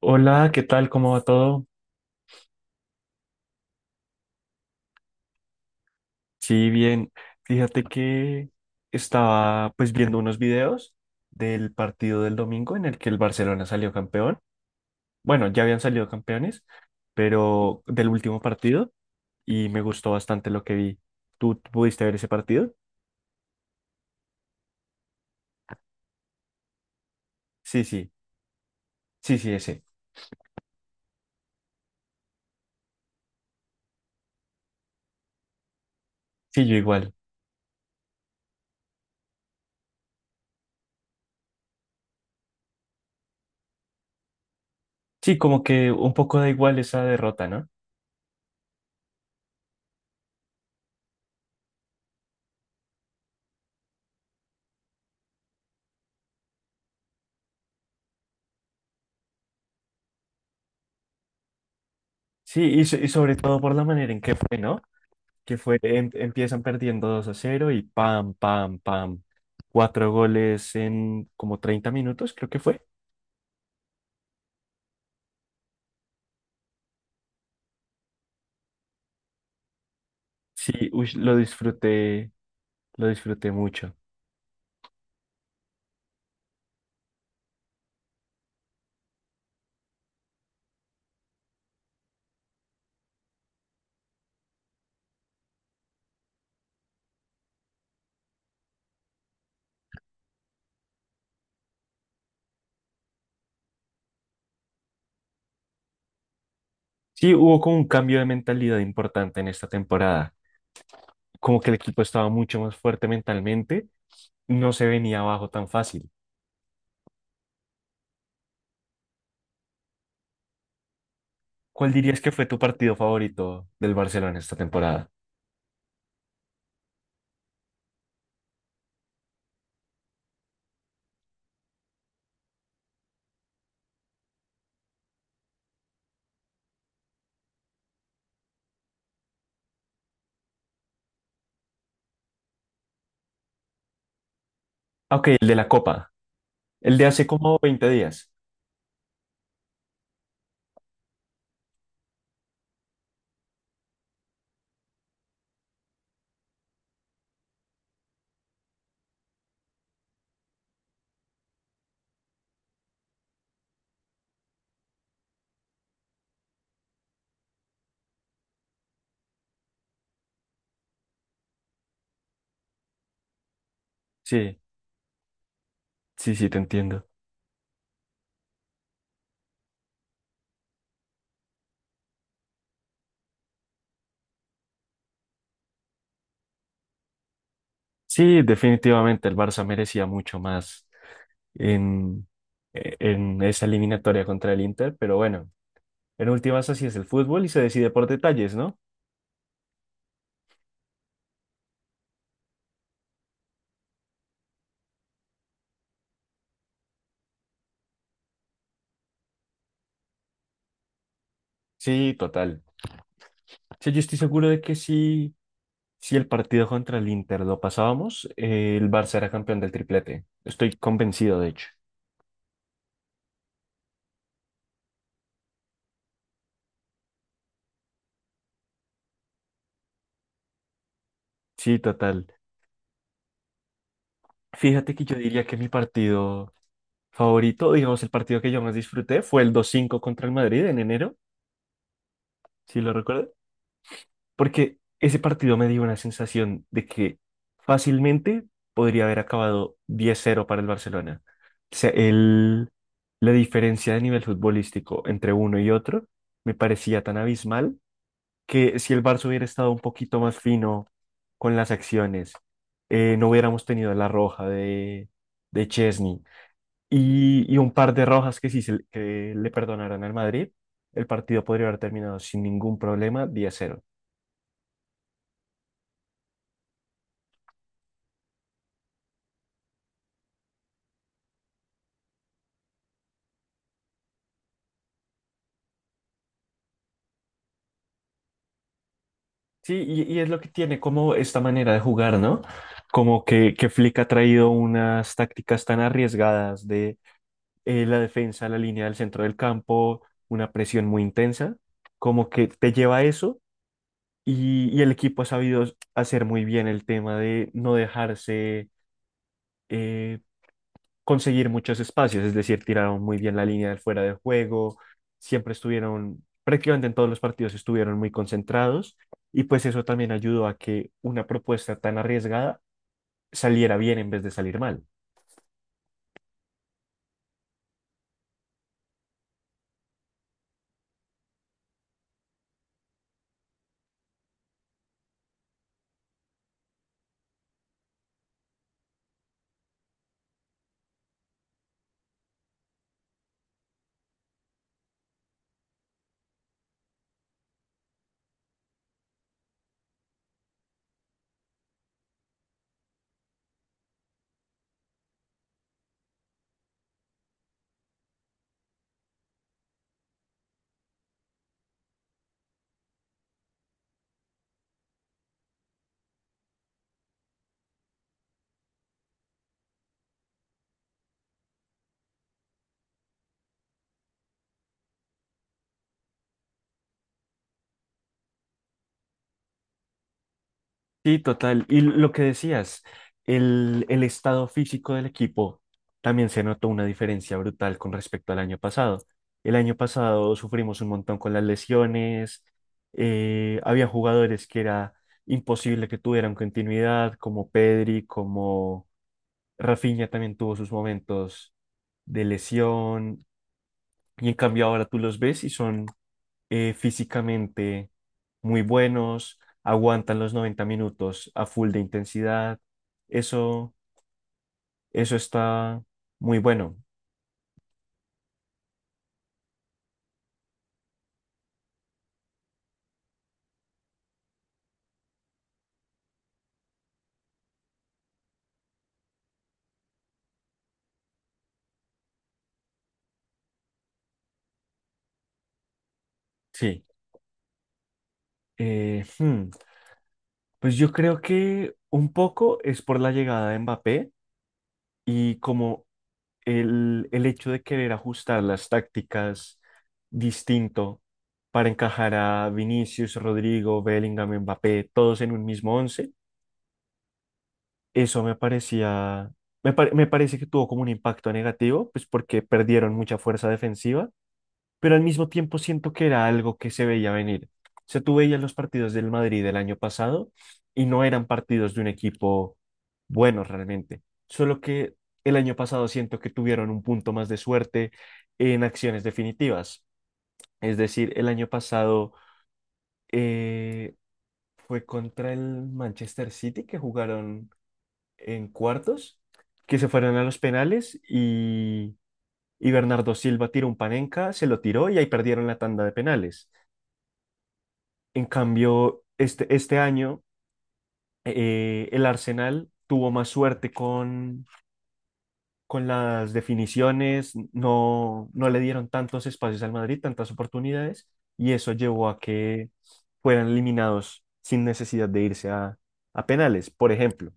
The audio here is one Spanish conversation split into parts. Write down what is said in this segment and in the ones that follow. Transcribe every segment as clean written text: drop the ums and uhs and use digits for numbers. Hola, ¿qué tal? ¿Cómo va todo? Sí, bien. Fíjate que estaba pues viendo unos videos del partido del domingo en el que el Barcelona salió campeón. Bueno, ya habían salido campeones, pero del último partido y me gustó bastante lo que vi. ¿Tú pudiste ver ese partido? Sí, sí, sí, sí, ese. Sí, yo igual. Sí, como que un poco da igual esa derrota, ¿no? Sí, y sobre todo por la manera en que fue, ¿no? Que fue, empiezan perdiendo 2-0 y pam, pam, pam. Cuatro goles en como 30 minutos, creo que fue. Sí, uy, lo disfruté mucho. Sí, hubo como un cambio de mentalidad importante en esta temporada. Como que el equipo estaba mucho más fuerte mentalmente, no se venía abajo tan fácil. ¿Cuál dirías que fue tu partido favorito del Barcelona esta temporada? Ah, Ok, el de la Copa, el de hace como 20 días. Sí, sí, sí, te entiendo. Sí, definitivamente el Barça merecía mucho más en, en esa eliminatoria contra el Inter, pero bueno, en últimas así es el fútbol y se decide por detalles, ¿no? Sí, total. Sí, yo estoy seguro de que si el partido contra el Inter lo pasábamos, el Barça era campeón del triplete. Estoy convencido, de hecho. Sí, total. Fíjate que yo diría que mi partido favorito, digamos, el partido que yo más disfruté fue el 2-5 contra el Madrid en enero, si lo recuerdas. Porque ese partido me dio una sensación de que fácilmente podría haber acabado 10-0 para el Barcelona. O sea, el, la diferencia de nivel futbolístico entre uno y otro me parecía tan abismal que si el Barça hubiera estado un poquito más fino con las acciones, no hubiéramos tenido la roja de Chesney y un par de rojas que que le perdonaran al Madrid, el partido podría haber terminado sin ningún problema 10-0. Sí, y es lo que tiene como esta manera de jugar, ¿no? Como que, Flick ha traído unas tácticas tan arriesgadas de la defensa, la línea del centro del campo, una presión muy intensa, como que te lleva a eso y el equipo ha sabido hacer muy bien el tema de no dejarse eh, conseguir muchos espacios, es decir, tiraron muy bien la línea del fuera de juego, siempre estuvieron, prácticamente en todos los partidos estuvieron muy concentrados y pues eso también ayudó a que una propuesta tan arriesgada saliera bien en vez de salir mal. Sí, total. Y lo que decías, el estado físico del equipo también se notó una diferencia brutal con respecto al año pasado. El año pasado sufrimos un montón con las lesiones, había jugadores que era imposible que tuvieran continuidad, como Pedri, como Rafinha también tuvo sus momentos de lesión, y en cambio ahora tú los ves y son físicamente muy buenos, aguantan los 90 minutos a full de intensidad. Eso, eso está muy bueno. Sí. Eh, hmm, Pues yo creo que un poco es por la llegada de Mbappé y como el hecho de querer ajustar las tácticas distinto para encajar a Vinicius, Rodrigo, Bellingham, Mbappé, todos en un mismo once. Eso me parece que tuvo como un impacto negativo, pues porque perdieron mucha fuerza defensiva, pero al mismo tiempo siento que era algo que se veía venir. O sea, tú veías los partidos del Madrid del año pasado y no eran partidos de un equipo bueno realmente, solo que el año pasado siento que tuvieron un punto más de suerte en acciones definitivas. Es decir, el año pasado eh, fue contra el Manchester City que jugaron en cuartos, que se fueron a los penales y, Bernardo Silva tiró un Panenka, se lo tiró y ahí perdieron la tanda de penales. En cambio, este año el Arsenal tuvo más suerte con las definiciones, no, no le dieron tantos espacios al Madrid, tantas oportunidades, y eso llevó a que fueran eliminados sin necesidad de irse a penales. Por ejemplo,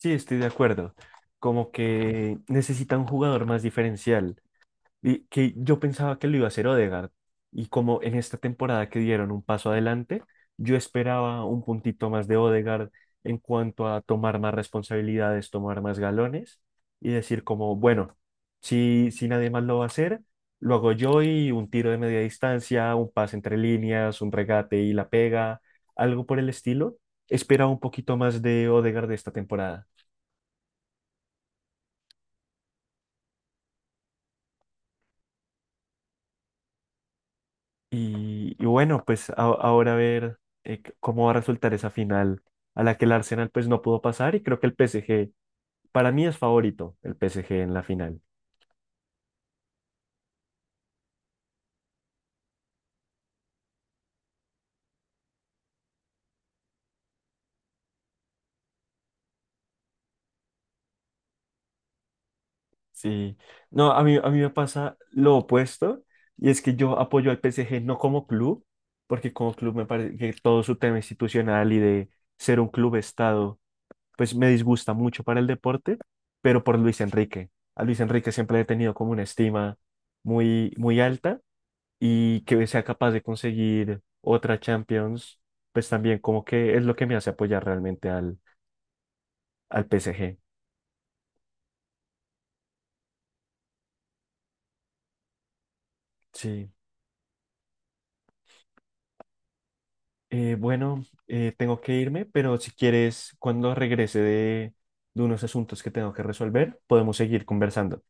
sí, estoy de acuerdo. Como que necesita un jugador más diferencial. Y que yo pensaba que lo iba a hacer Odegaard. Y como en esta temporada que dieron un paso adelante, yo esperaba un puntito más de Odegaard en cuanto a tomar más responsabilidades, tomar más galones y decir como, bueno, si nadie más lo va a hacer, lo hago yo y un tiro de media distancia, un pase entre líneas, un regate y la pega, algo por el estilo. Esperaba un poquito más de Odegaard de esta temporada. Y bueno, pues ahora a ver cómo va a resultar esa final a la que el Arsenal pues no pudo pasar y creo que el PSG, para mí es favorito el PSG en la final. Sí, no, a mí me pasa lo opuesto y es que yo apoyo al PSG no como club, porque como club me parece que todo su tema institucional y de ser un club estado pues me disgusta mucho para el deporte, pero por Luis Enrique. A Luis Enrique siempre le he tenido como una estima muy, muy alta y que sea capaz de conseguir otra Champions, pues también como que es lo que me hace apoyar realmente al PSG. Sí. Bueno, tengo que irme, pero si quieres, cuando regrese de unos asuntos que tengo que resolver, podemos seguir conversando.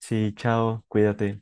Sí, chao, cuídate.